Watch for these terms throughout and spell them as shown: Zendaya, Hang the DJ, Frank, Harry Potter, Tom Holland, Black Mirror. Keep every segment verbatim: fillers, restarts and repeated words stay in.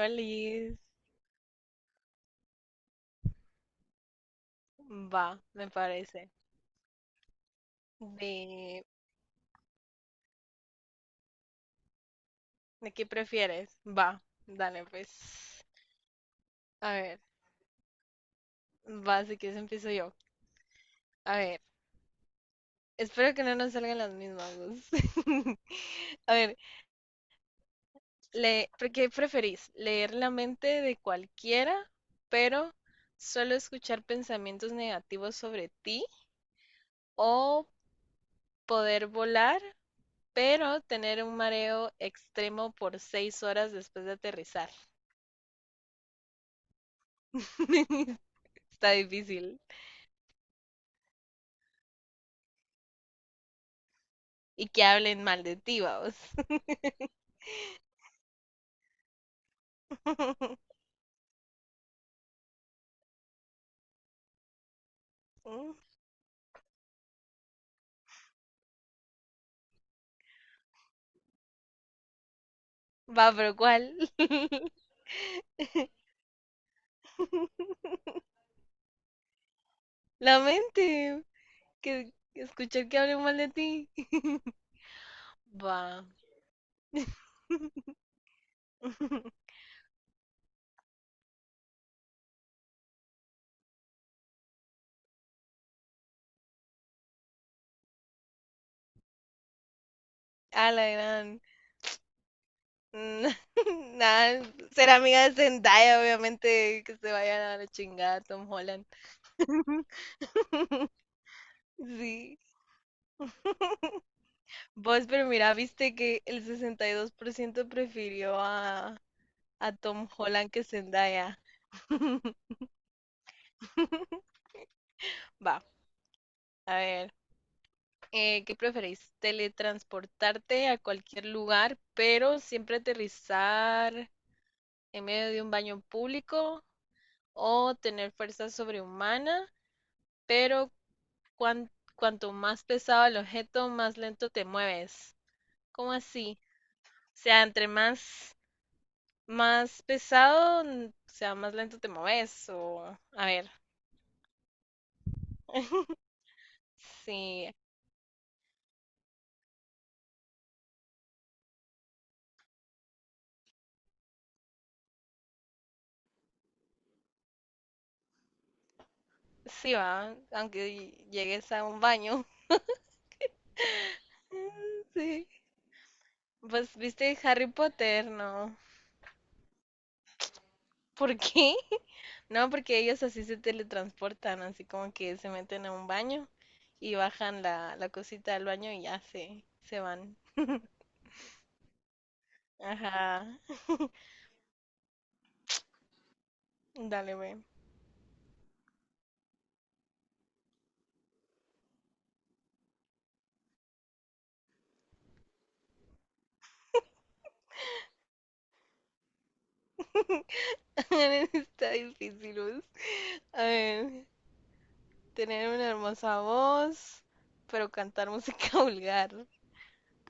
Olis, va, me parece. ¿De, de qué prefieres? Va, dale pues. A ver, va, si quieres empiezo yo. A ver, espero que no nos salgan las mismas dos. A ver, le, ¿por ¿qué preferís? ¿Leer la mente de cualquiera, pero solo escuchar pensamientos negativos sobre ti? ¿O poder volar, pero tener un mareo extremo por seis horas después de aterrizar? Está difícil. Y que hablen mal de ti, vamos. Va, pero ¿cuál? La mente, que escuchar que hablen mal de ti. Va. A la gran. Mm. Nada, ser amiga de Zendaya, obviamente, que se vayan a la chingada Tom Holland. Sí. Vos, pero mira, viste que el sesenta y dos por ciento prefirió a, a Tom Holland que Zendaya. Va, a ver. Eh, ¿qué preferís? ¿Teletransportarte a cualquier lugar, pero siempre aterrizar en medio de un baño público? ¿O tener fuerza sobrehumana, pero cuan- cuanto más pesado el objeto, más lento te mueves? ¿Cómo así? O sea, entre más, más pesado, mm, o sea, más lento te mueves. O, a ver, sí, sí va, aunque llegues a un baño. Sí. Pues viste Harry Potter, ¿no? ¿Por qué? No, porque ellos así se teletransportan, así como que se meten a un baño y bajan la, la cosita del baño y ya se, se van. Ajá, dale, ve. Está difícil, Luz. A ver, tener una hermosa voz, pero cantar música vulgar.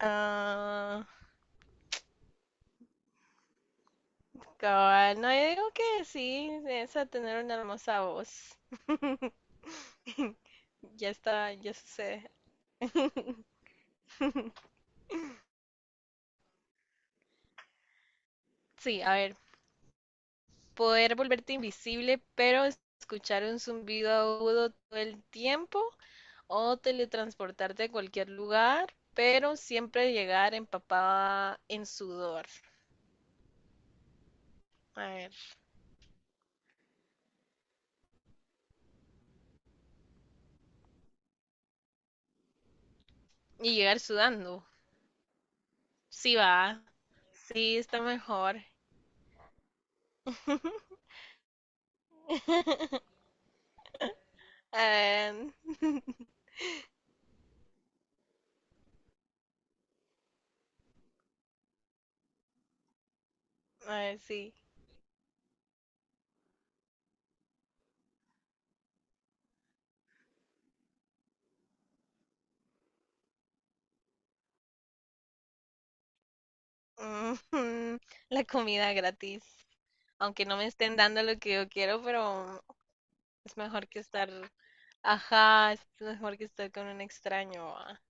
Ah, cabal, no, yo digo que sí, esa tener una hermosa voz. Ya está, ya sucede. Sí, a ver. Poder volverte invisible, pero escuchar un zumbido agudo todo el tiempo o teletransportarte a cualquier lugar, pero siempre llegar empapada en sudor. A ver. Y llegar sudando. Sí va, sí está mejor. A ver, a ver, sí. Mm. La comida gratis. Aunque no me estén dando lo que yo quiero, pero es mejor que estar. Ajá, es mejor que estar con un extraño. Ah.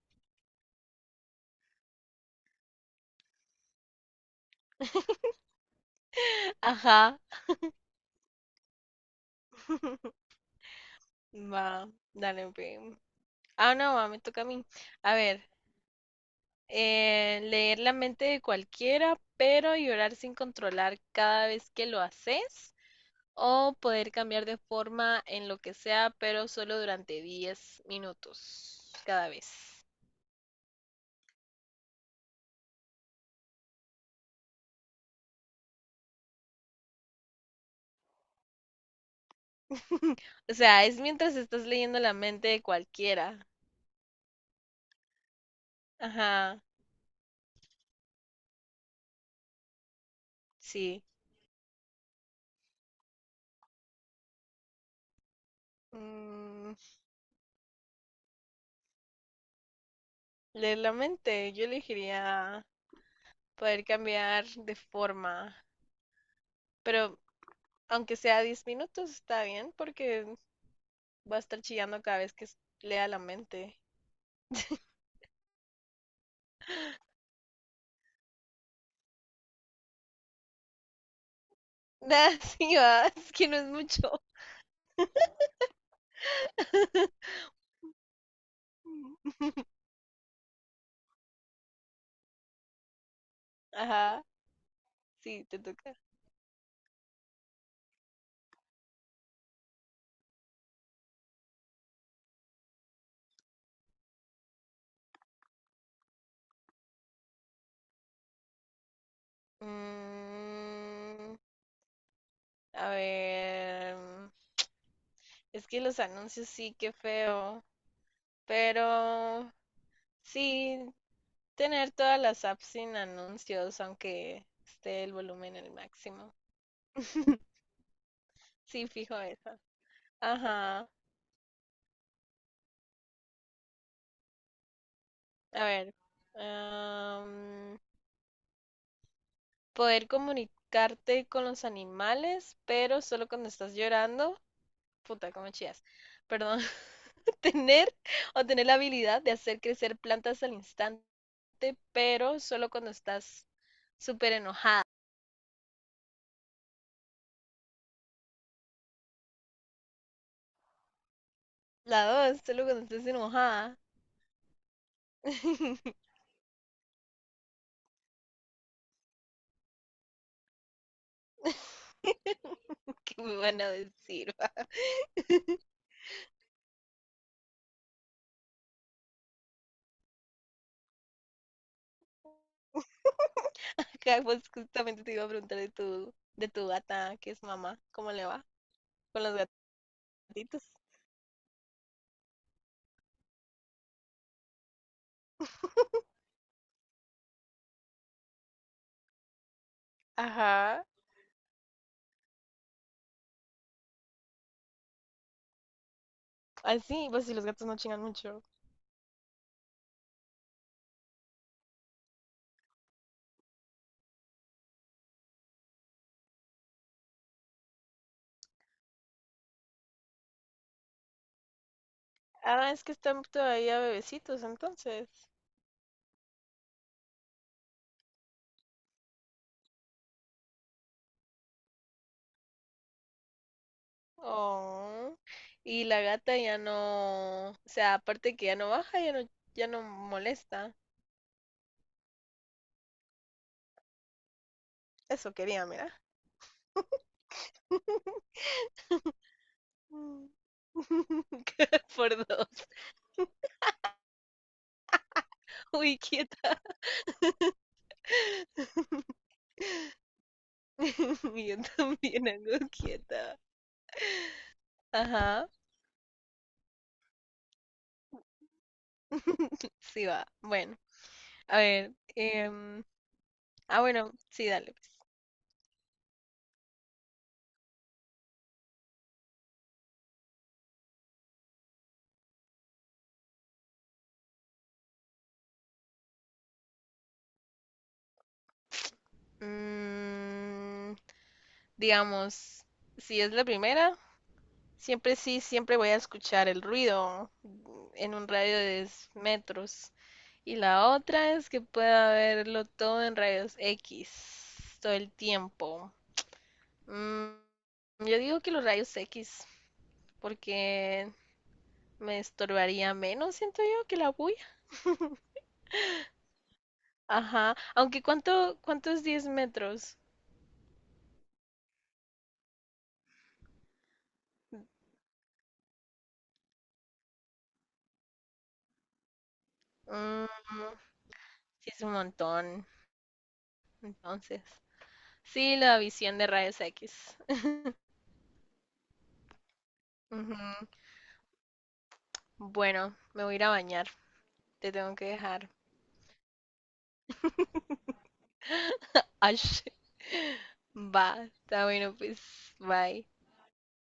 Ajá. Va, dale, ve. Ah, no, va, me toca a mí. A ver, eh, leer la mente de cualquiera, pero llorar sin controlar cada vez que lo haces. O poder cambiar de forma en lo que sea, pero solo durante diez minutos cada vez. O sea, es mientras estás leyendo la mente de cualquiera. Ajá, sí. Mm. Leer la mente, yo elegiría poder cambiar de forma, pero aunque sea diez minutos está bien porque va a estar chillando cada vez que s- lea la mente. Nah, sí, va, es que no es mucho. Ajá, sí, te toca. Mm, a ver, mm, es que los anuncios sí, qué feo, pero sí, tener todas las apps sin anuncios, aunque esté el volumen el máximo. Sí, fijo eso. Ajá. A ver. am, poder comunicarte con los animales, pero solo cuando estás llorando. Puta, cómo chías. Perdón. Tener o tener la habilidad de hacer crecer plantas al instante, pero solo cuando estás súper enojada. La dos, solo cuando estás enojada. ¿Qué me van a decir, va? Acá, pues justamente te iba a preguntar de tu, de tu gata, que es mamá, ¿cómo le va con los gatitos? Ajá. Así, pues si los gatos no chingan mucho. Ah, es que están todavía bebecitos entonces. Oh. Y la gata ya no, o sea, aparte que ya no baja, ya no, ya no molesta. Eso quería, mira. Mm. Por dos. Uy, quieta. Yo también hago quieta. Ajá. Sí va. Bueno, a ver. em, ah, bueno, sí, dale pues. Mm, digamos, si es la primera, siempre sí, siempre voy a escuchar el ruido en un radio de diez metros. Y la otra es que pueda verlo todo en rayos X todo el tiempo. Mm, yo digo que los rayos X, porque me estorbaría menos, siento yo, que la bulla. Ajá. Aunque, ¿cuánto, ¿cuánto es diez metros? Mm, sí, es un montón. Entonces, sí, la visión de rayos X. Ujú. Bueno, me voy a ir a bañar. Te tengo que dejar. Ash. Va, está bueno, pues. Bye.